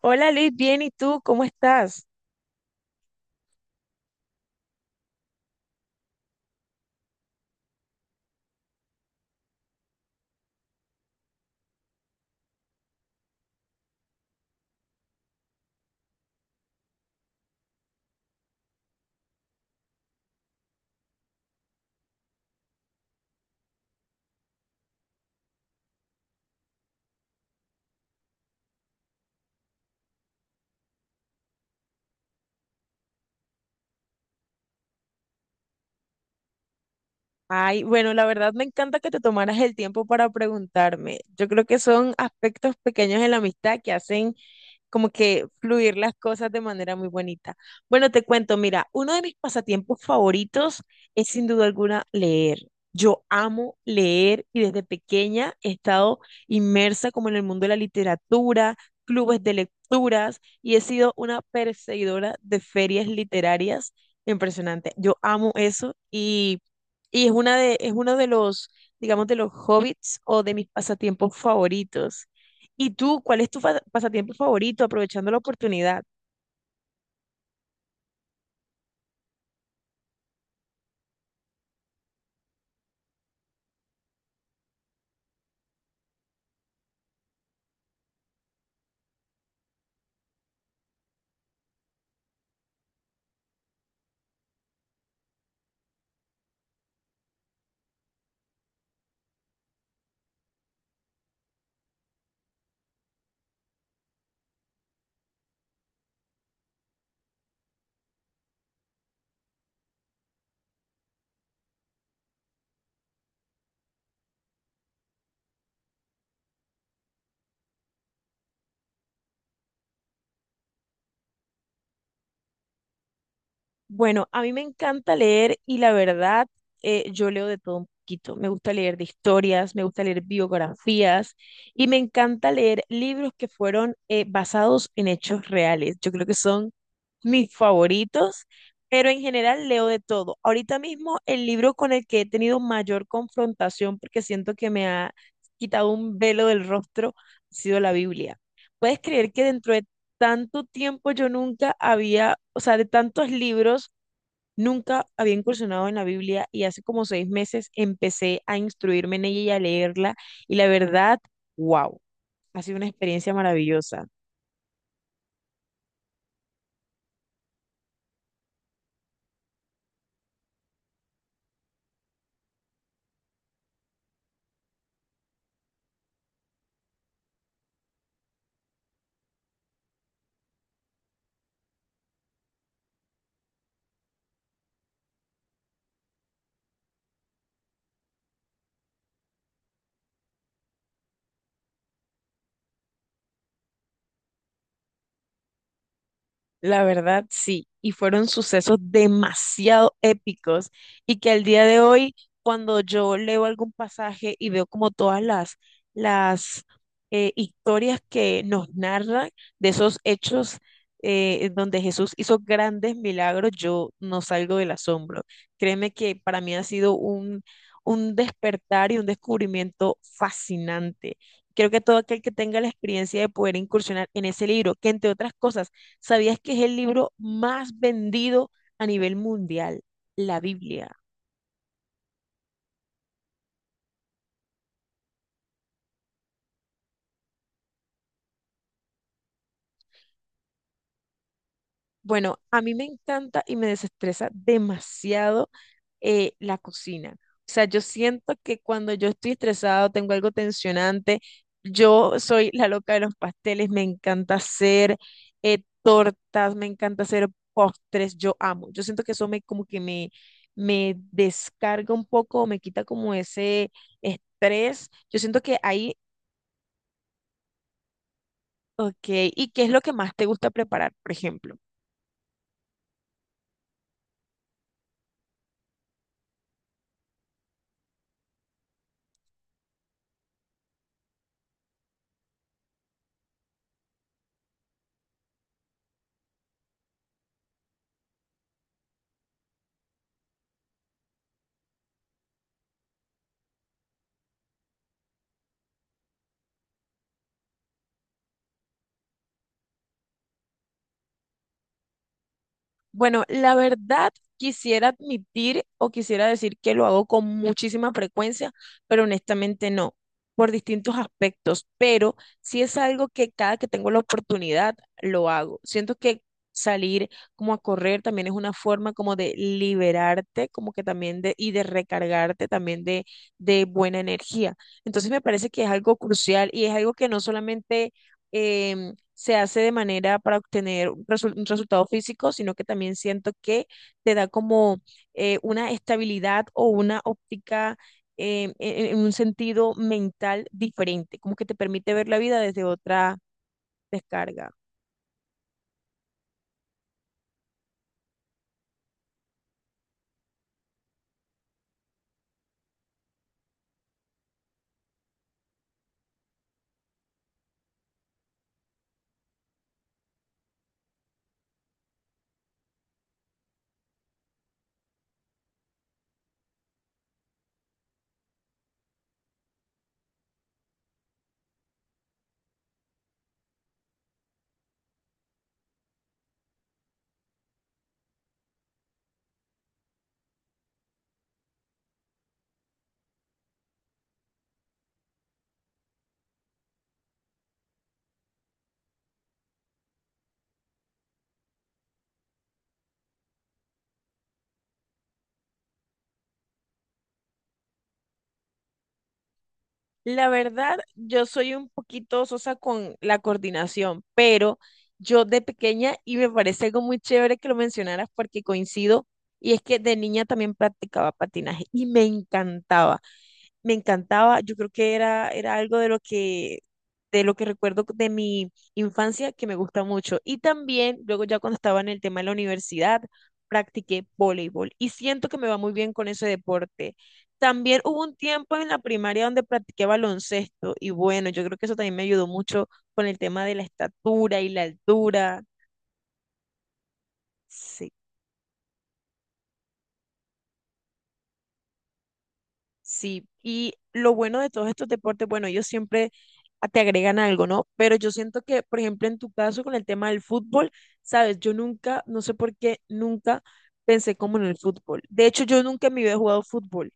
Hola Liz, bien, ¿y tú cómo estás? Ay, bueno, la verdad me encanta que te tomaras el tiempo para preguntarme. Yo creo que son aspectos pequeños en la amistad que hacen como que fluir las cosas de manera muy bonita. Bueno, te cuento, mira, uno de mis pasatiempos favoritos es sin duda alguna leer. Yo amo leer y desde pequeña he estado inmersa como en el mundo de la literatura, clubes de lecturas y he sido una perseguidora de ferias literarias impresionante. Yo amo eso y es uno de los, digamos, de los hobbits o de mis pasatiempos favoritos. ¿Y tú, cuál es tu pasatiempo favorito, aprovechando la oportunidad? Bueno, a mí me encanta leer y la verdad, yo leo de todo un poquito. Me gusta leer de historias, me gusta leer biografías y me encanta leer libros que fueron basados en hechos reales. Yo creo que son mis favoritos, pero en general leo de todo. Ahorita mismo el libro con el que he tenido mayor confrontación, porque siento que me ha quitado un velo del rostro, ha sido la Biblia. ¿Puedes creer que dentro de tanto tiempo yo nunca había, o sea, de tantos libros, nunca había incursionado en la Biblia y hace como 6 meses empecé a instruirme en ella y a leerla y la verdad, wow, ha sido una experiencia maravillosa? La verdad, sí, y fueron sucesos demasiado épicos y que al día de hoy, cuando yo leo algún pasaje y veo como todas las historias que nos narran de esos hechos, donde Jesús hizo grandes milagros, yo no salgo del asombro. Créeme que para mí ha sido un despertar y un descubrimiento fascinante. Creo que todo aquel que tenga la experiencia de poder incursionar en ese libro, que entre otras cosas, ¿sabías que es el libro más vendido a nivel mundial? La Biblia. Bueno, a mí me encanta y me desestresa demasiado, la cocina. O sea, yo siento que cuando yo estoy estresado, tengo algo tensionante, yo soy la loca de los pasteles, me encanta hacer, tortas, me encanta hacer postres, yo amo. Yo siento que eso me como que me descarga un poco, me quita como ese estrés. Yo siento que ahí. Ok, ¿y qué es lo que más te gusta preparar, por ejemplo? Bueno, la verdad quisiera admitir o quisiera decir que lo hago con muchísima frecuencia, pero honestamente no, por distintos aspectos, pero sí es algo que cada que tengo la oportunidad lo hago. Siento que salir como a correr también es una forma como de liberarte, como que también de, y de recargarte también de buena energía. Entonces me parece que es algo crucial y es algo que no solamente em, se hace de manera para obtener un resultado físico, sino que también siento que te da como, una estabilidad o una óptica, en un sentido mental diferente, como que te permite ver la vida desde otra descarga. La verdad, yo soy un poquito sosa con la coordinación, pero yo de pequeña, y me parece algo muy chévere que lo mencionaras porque coincido, y es que de niña también practicaba patinaje y me encantaba. Me encantaba. Yo creo que era, era algo de lo que recuerdo de mi infancia que me gusta mucho. Y también, luego ya cuando estaba en el tema de la universidad, practiqué voleibol y siento que me va muy bien con ese deporte. También hubo un tiempo en la primaria donde practiqué baloncesto y bueno, yo creo que eso también me ayudó mucho con el tema de la estatura y la altura. Sí. Sí, y lo bueno de todos estos deportes, bueno, ellos siempre te agregan algo, ¿no? Pero yo siento que, por ejemplo, en tu caso con el tema del fútbol, sabes, yo nunca, no sé por qué, nunca pensé como en el fútbol. De hecho, yo nunca en mi vida he jugado fútbol.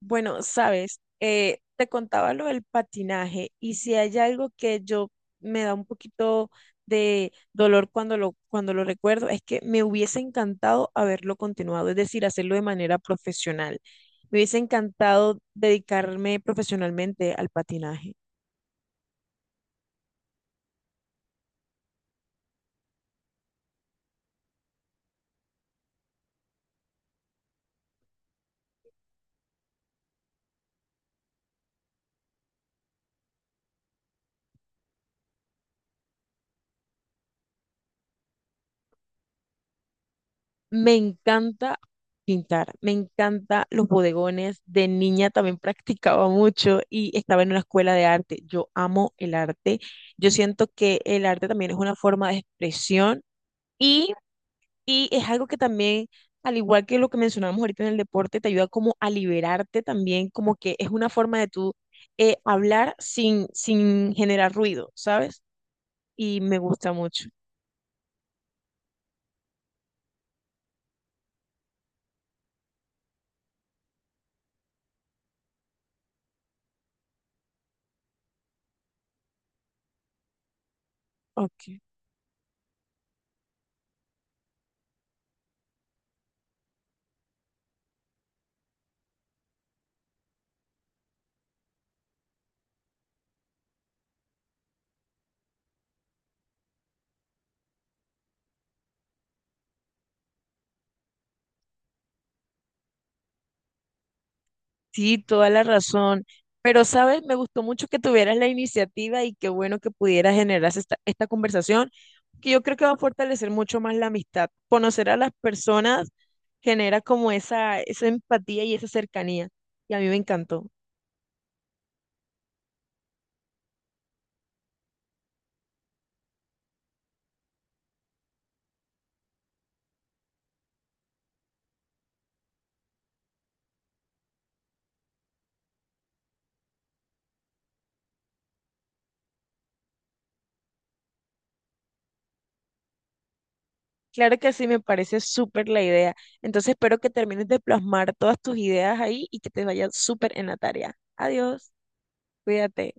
Bueno, sabes, te contaba lo del patinaje y si hay algo que yo me da un poquito de dolor cuando lo recuerdo, es que me hubiese encantado haberlo continuado, es decir, hacerlo de manera profesional. Me hubiese encantado dedicarme profesionalmente al patinaje. Me encanta pintar, me encanta los bodegones. De niña también practicaba mucho y estaba en una escuela de arte. Yo amo el arte. Yo siento que el arte también es una forma de expresión y, y es algo que también, al igual que lo que mencionamos ahorita en el deporte, te ayuda como a liberarte también, como que es una forma de tú, hablar sin generar ruido, ¿sabes? Y me gusta mucho. Ok. Sí, toda la razón. Pero, ¿sabes? Me gustó mucho que tuvieras la iniciativa y qué bueno que pudieras generar esta conversación, que yo creo que va a fortalecer mucho más la amistad. Conocer a las personas genera como esa empatía y esa cercanía. Y a mí me encantó. Claro que sí, me parece súper la idea. Entonces, espero que termines de plasmar todas tus ideas ahí y que te vaya súper en la tarea. Adiós, cuídate.